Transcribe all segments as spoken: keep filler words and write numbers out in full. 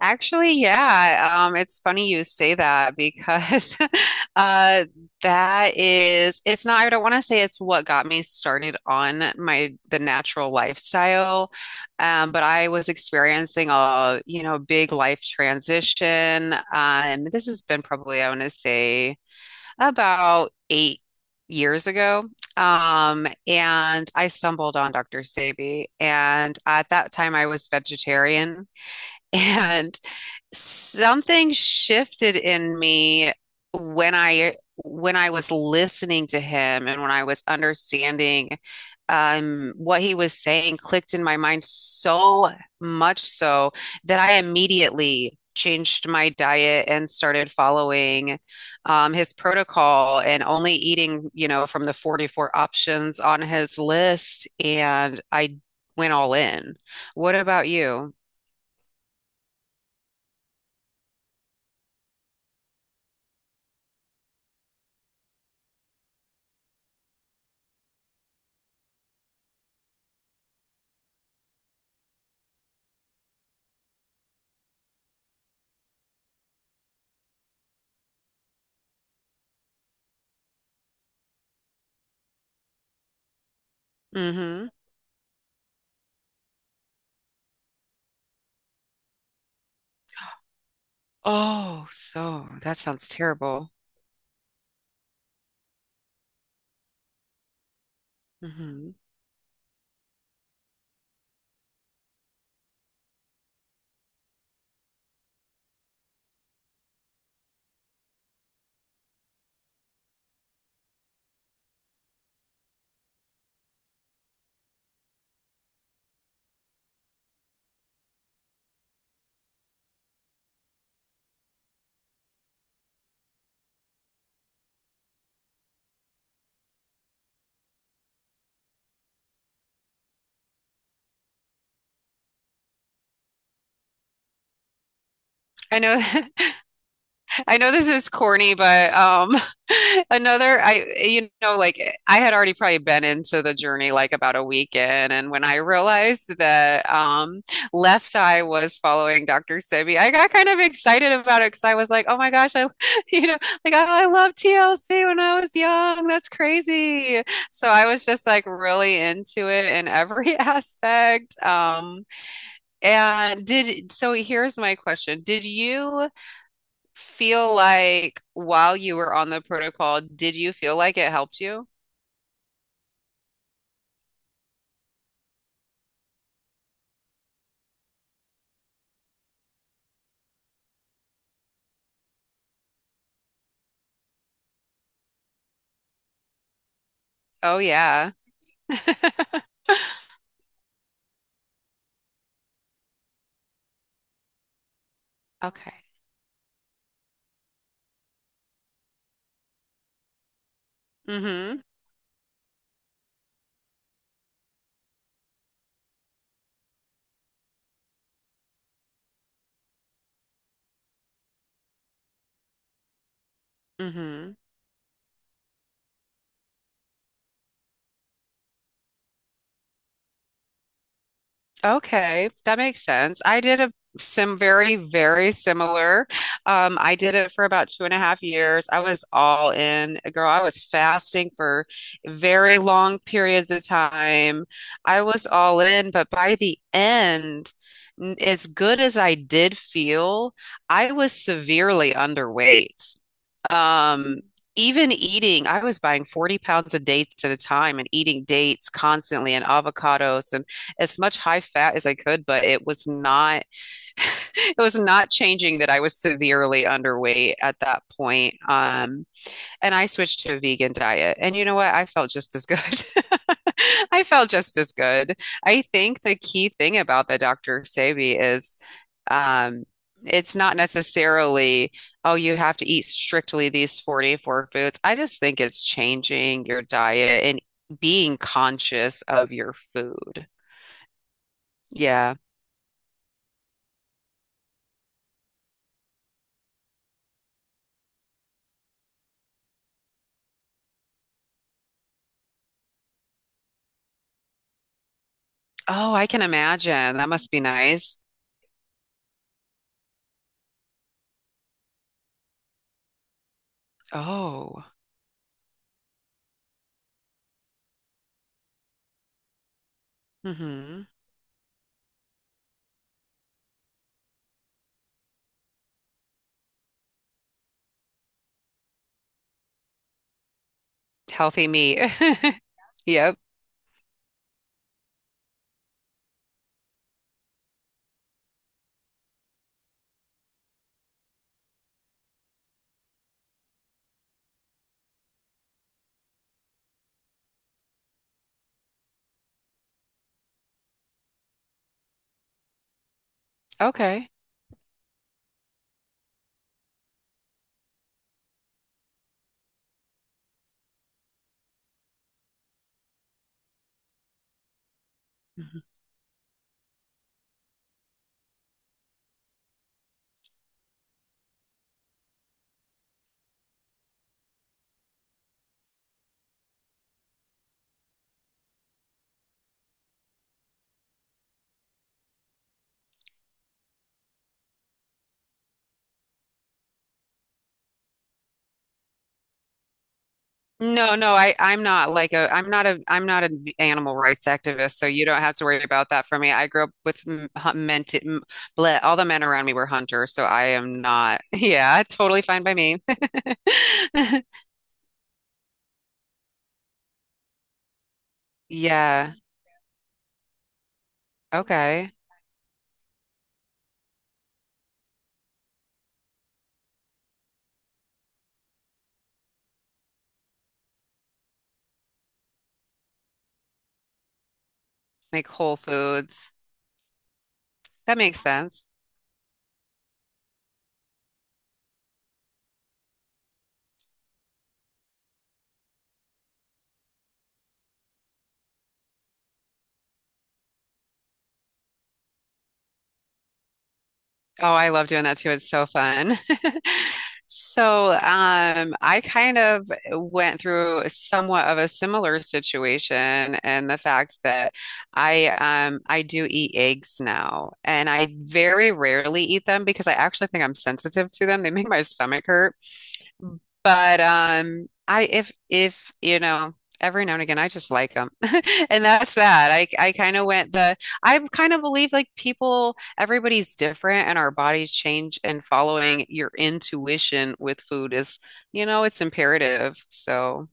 Actually, yeah. Um, it's funny you say that because uh, that is, it's not, I don't want to say it's what got me started on my the natural lifestyle. Um, but I was experiencing a, you know, big life transition. Um, this has been probably, I want to say, about eight years ago. Um, and I stumbled on doctor Sebi. And at that time, I was vegetarian. And something shifted in me when I when I was listening to him and when I was understanding um, what he was saying clicked in my mind so much so that I immediately changed my diet and started following um, his protocol and only eating, you know, from the forty-four options on his list. And I went all in. What about you? Mm-hmm. Oh, so that sounds terrible. Hmm. I know, I know this is corny, but um, another, I, you know, like eh, I had already probably been into the journey like about a weekend, and when I realized that um, Left Eye was following doctor Sebi, I got kind of excited about it because I was like, oh my gosh, I, you know, like oh, I love T L C when I was young. That's crazy. So I was just like really into it in every aspect. Um, And did so here's my question. Did you feel like while you were on the protocol, did you feel like it helped you? Oh yeah. Okay. Mm-hmm. Mm-hmm. Okay, that makes sense. I did a some very, very similar. Um, I did it for about two and a half years. I was all in, girl. I was fasting for very long periods of time. I was all in, but by the end, n- as good as I did feel, I was severely underweight. Um, even eating, I was buying forty pounds of dates at a time and eating dates constantly and avocados and as much high fat as I could, but it was not it was not changing that I was severely underweight at that point. Um, and I switched to a vegan diet. And you know what? I felt just as good. I felt just as good. I think the key thing about the doctor Sebi is um, it's not necessarily, oh, you have to eat strictly these forty-four foods. I just think it's changing your diet and being conscious of your food. Yeah. Oh, I can imagine. That must be nice. Oh. Hmm. Healthy meat. Yep. Okay. Mm-hmm. No, no, I I'm not like a I'm not a I'm not an animal rights activist, so you don't have to worry about that for me. I grew up with m- hu- men to, m- ble- all the men around me were hunters, so I am not. Yeah, totally fine by me. Yeah. Okay. Like Whole Foods. That makes sense. Oh, I love doing that too. It's so fun. So, um, I kind of went through somewhat of a similar situation and the fact that I um I do eat eggs now and I very rarely eat them because I actually think I'm sensitive to them. They make my stomach hurt. But um, I if if you know every now and again I just like them, and that's that. I I kind of went the I kind of believe like people everybody's different and our bodies change and following your intuition with food is you know it's imperative. So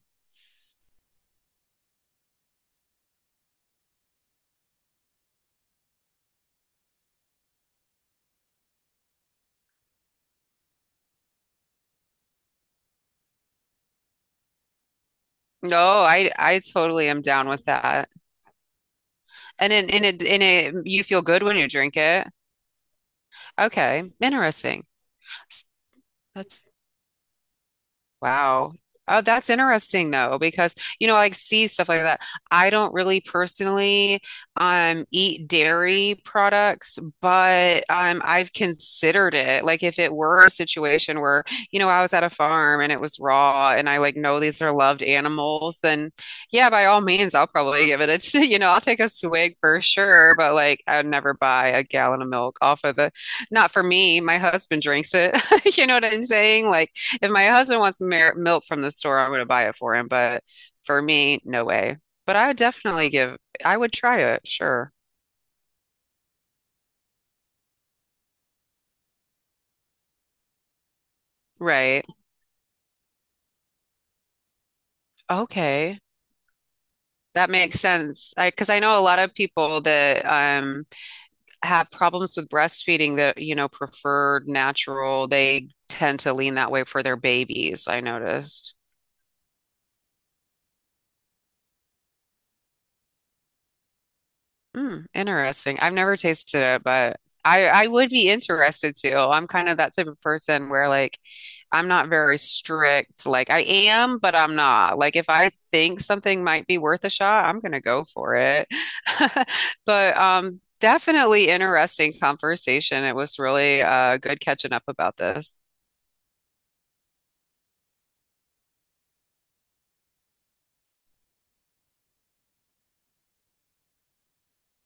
no, I I totally am down with that. And in in it in it you feel good when you drink it. Okay, interesting. That's Wow. Oh, that's interesting though, because you know, like see stuff like that. I don't really personally um eat dairy products, but um I've considered it. Like if it were a situation where, you know, I was at a farm and it was raw and I like know these are loved animals, then yeah, by all means I'll probably give it a, t- you know, I'll take a swig for sure, but like I'd never buy a gallon of milk off of the, not for me, my husband drinks it. You know what I'm saying? Like if my husband wants mer milk from the store, I'm going to buy it for him. But for me, no way. But I would definitely give, I would try it, sure. Right. Okay. That makes sense. I, because I know a lot of people that um have problems with breastfeeding that, you know, prefer natural. They tend to lean that way for their babies, I noticed. Mm, interesting. I've never tasted it, but I I would be interested to. I'm kind of that type of person where like I'm not very strict. Like I am, but I'm not. Like if I think something might be worth a shot, I'm gonna go for it. But um definitely interesting conversation. It was really uh good catching up about this.